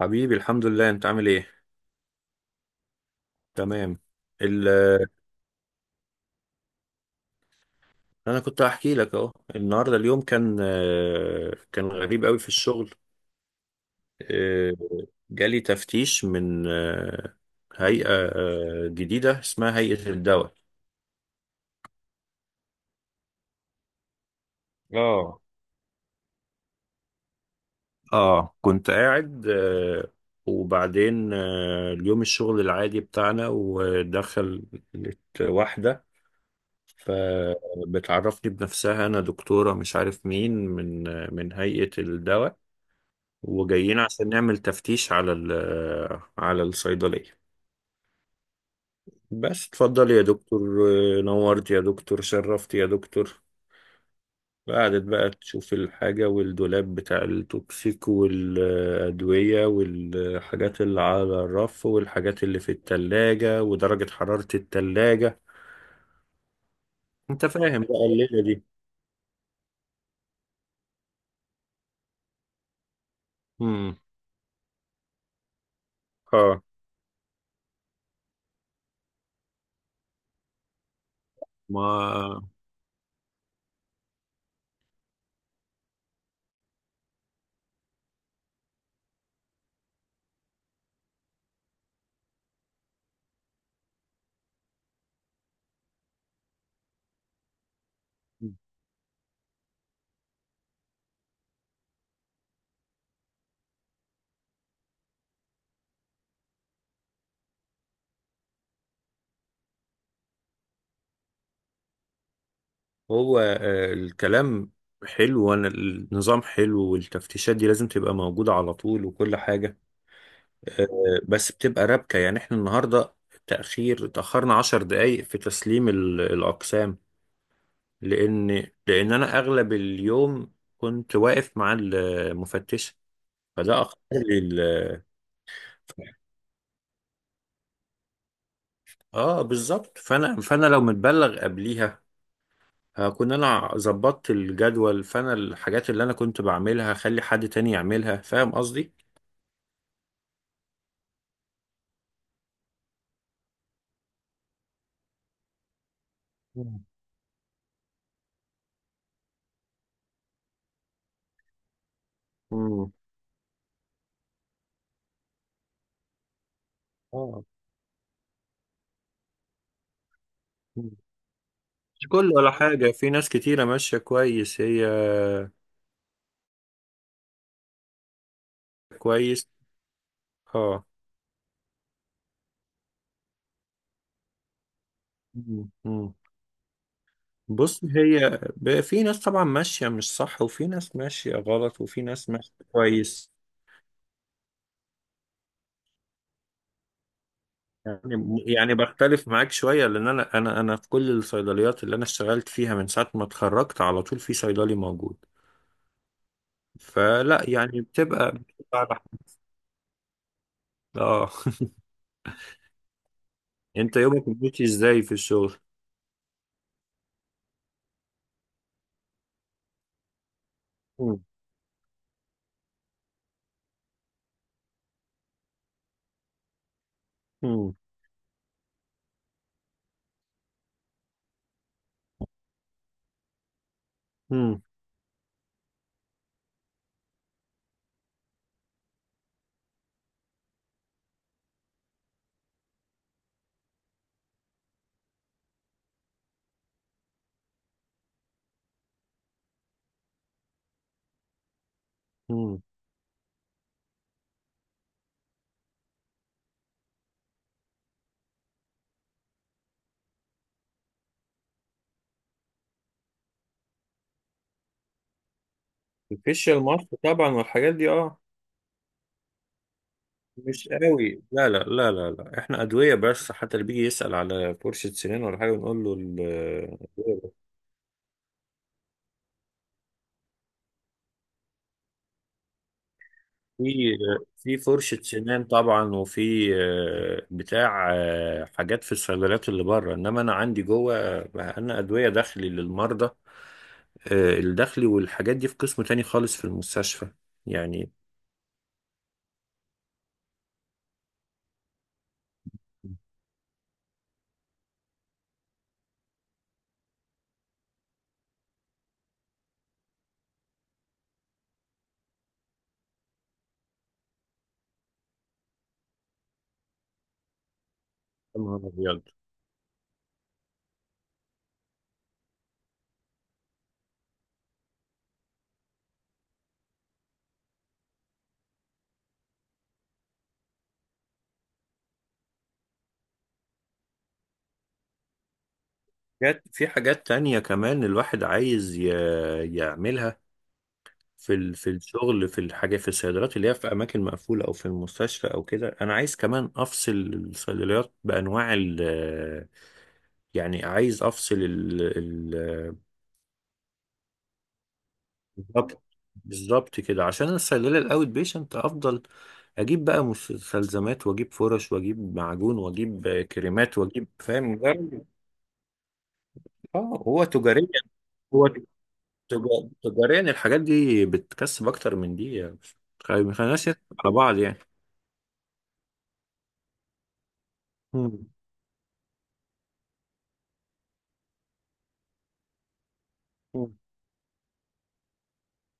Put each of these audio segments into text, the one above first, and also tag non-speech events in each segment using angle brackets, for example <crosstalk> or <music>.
حبيبي الحمد لله، انت عامل ايه؟ تمام. ال انا كنت هحكي لك اهو النهارده، اليوم كان كان غريب قوي في الشغل. آه، جالي تفتيش من هيئة جديدة اسمها هيئة الدواء. اه، اه كنت قاعد وبعدين اليوم الشغل العادي بتاعنا، ودخلت واحدة. فبتعرفني بنفسها: انا دكتورة مش عارف مين من هيئة الدواء، وجايين عشان نعمل تفتيش على الصيدلية. بس اتفضل يا دكتور، نورت يا دكتور، شرفت يا دكتور. قعدت بقى تشوف الحاجة والدولاب بتاع التوكسيك والأدوية والحاجات اللي على الرف والحاجات اللي في التلاجة ودرجة حرارة التلاجة. انت فاهم بقى الليلة دي. مم. اه، ما هو الكلام حلو، وانا النظام حلو، والتفتيشات دي لازم تبقى موجودة على طول، وكل حاجة. آه، بس بتبقى رابكة يعني. احنا النهاردة تأخرنا 10 دقايق في تسليم الأقسام، لأن لأن أنا أغلب اليوم كنت واقف مع المفتشة. فده أخر لي اه، بالظبط. فانا لو متبلغ قبليها هكون انا ظبطت الجدول، فانا الحاجات اللي انا كنت بعملها هخلي حد تاني يعملها، فاهم قصدي. مم. مم. اه. مم. مش كل ولا حاجة، في ناس كتيرة ماشية كويس هي. كويس. اه. مم. مم. بص، هي في ناس طبعا ماشية مش صح، وفي ناس ماشية غلط، وفي ناس ماشية كويس. يعني بختلف معاك شوية، لأن أنا في كل الصيدليات اللي أنا اشتغلت فيها من ساعة ما اتخرجت على طول في صيدلي موجود. فلا يعني بتبقى على حسب. اه. <laughs> أنت يومك ماشي إزاي في الشغل؟ مم. مم. مم. مم. الفيشيال ماسك طبعا والحاجات دي، اه. مش قوي، لا، لا، لا، لا، لا، احنا ادويه بس. حتى اللي بيجي يسال على فرشه سنان ولا حاجه نقول له في في فرشه سنان طبعا، وفي بتاع حاجات في الصيدليات اللي بره. انما انا عندي جوه انا ادويه داخلي للمرضى. الداخلي والحاجات دي في قسم تاني خالص في المستشفى يعني. يا نهار أبيض. في حاجات تانية كمان الواحد عايز يعملها في الشغل، في الحاجه، في الصيدليات اللي هي في اماكن مقفوله او في المستشفى او كده. انا عايز كمان افصل الصيدليات بانواع يعني عايز افصل ال ال بالظبط. بالظبط كده، عشان أنا الصيدليه الاوت بيشنت افضل اجيب بقى مستلزمات واجيب فرش واجيب معجون واجيب كريمات واجيب، فاهم. جرب. اه، هو تجاريا. هو تجاريا الحاجات دي بتكسب اكتر من دي يعني. ما خليناش نضحك على بعض يعني. مم.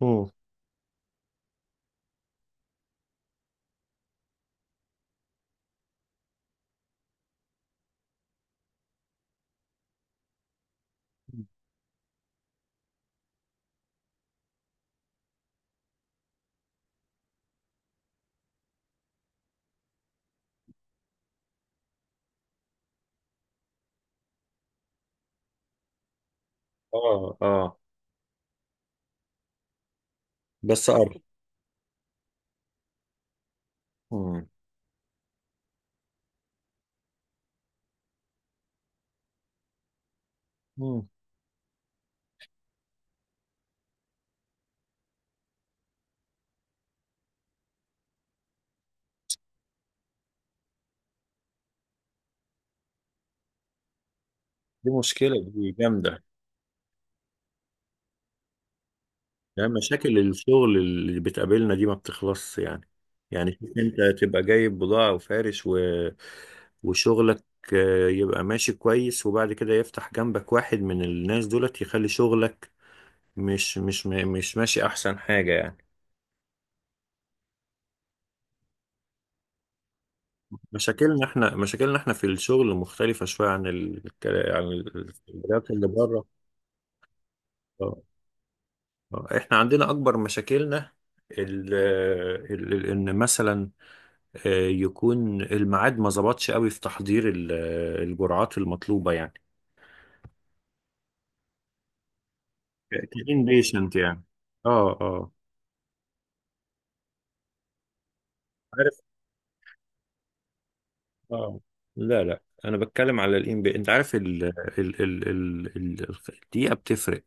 مم. اه، اه. بس مم. مم. دي مشكلة، دي جامدة. يعني مشاكل الشغل اللي بتقابلنا دي ما بتخلصش يعني. يعني شوف، انت تبقى جايب بضاعة وفارش، و... وشغلك يبقى ماشي كويس، وبعد كده يفتح جنبك واحد من الناس دولت يخلي شغلك مش ماشي احسن حاجة يعني. مشاكلنا احنا في الشغل مختلفة شوية عن عن الولايات اللي بره. آه. احنا عندنا اكبر مشاكلنا ان مثلا يكون الميعاد ما ظبطش قوي في تحضير الجرعات المطلوبه يعني. كان بيشنت يعني. اه، اه. عارف. اه. لا، لا، انا بتكلم على الام بي. انت عارف الدقيقه بتفرق.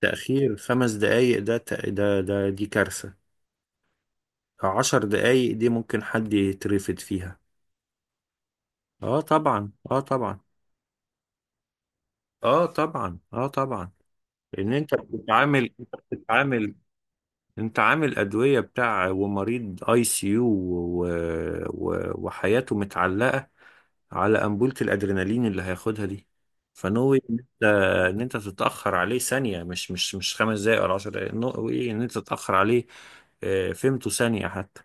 تاخير 5 دقائق، ده ت- ده ده دي كارثه. 10 دقائق دي ممكن حد يترفد فيها. اه طبعا، اه طبعا، اه طبعا، اه طبعا. ان انت بتتعامل انت بتتعامل، انت عامل ادويه بتاع ومريض اي سي يو، و... و... وحياته متعلقه على انبولة الادرينالين اللي هياخدها دي. فنوي ان انت تتاخر عليه ثانيه، مش 5 دقائق ولا 10 دقائق. نوي ان انت تتاخر عليه فهمته ثانيه حتى.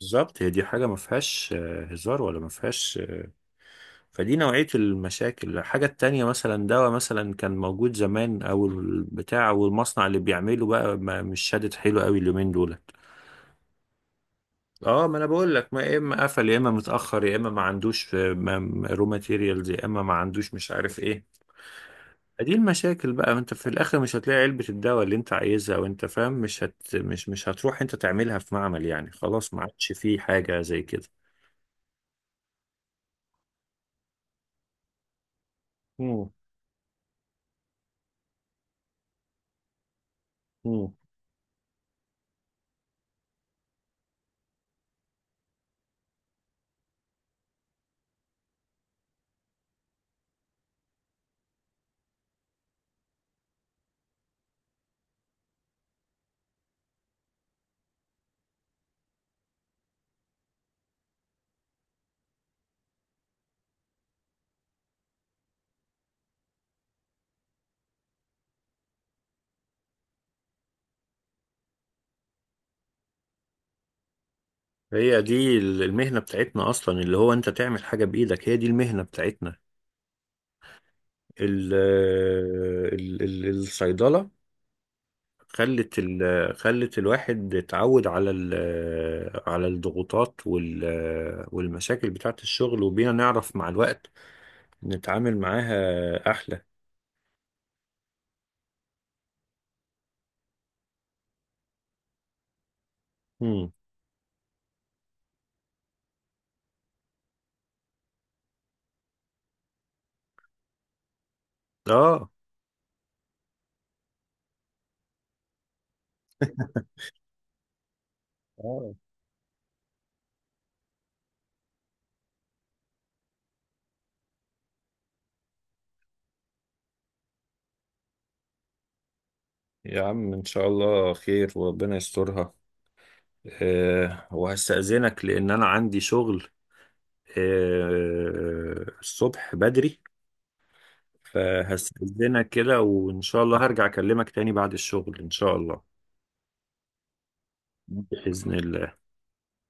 بالظبط، هي دي حاجه ما فيهاش هزار، ولا ما فيهاش. فدي نوعية المشاكل. الحاجة التانية مثلا دواء مثلا كان موجود زمان، أو البتاع أو المصنع اللي بيعمله بقى ما مش شادد حلو قوي اليومين دولت. اه، ما انا بقول لك، ما يا اما قفل، يا اما متاخر، يا اما ما عندوش رو ماتيريالز، يا اما ما عندوش مش عارف ايه. دي المشاكل بقى. انت في الاخر مش هتلاقي علبه الدواء اللي انت عايزها، وانت فاهم مش هت مش مش هتروح انت تعملها في معمل يعني. خلاص، ما عادش فيه حاجه زي كده. مم. مم. هي دي المهنة بتاعتنا أصلا، اللي هو أنت تعمل حاجة بإيدك، هي دي المهنة بتاعتنا. ال ال ال الصيدلة خلت ال خلت الواحد اتعود على على الضغوطات والمشاكل بتاعة الشغل، وبينا نعرف مع الوقت نتعامل معاها أحلى. مم. آه. آه يا عم، إن شاء الله خير وربنا يسترها. آه وهستأذنك لأن أنا عندي شغل آه الصبح بدري، فهستأذنك كده، وإن شاء الله هرجع أكلمك تاني بعد الشغل إن شاء الله. بإذن الله.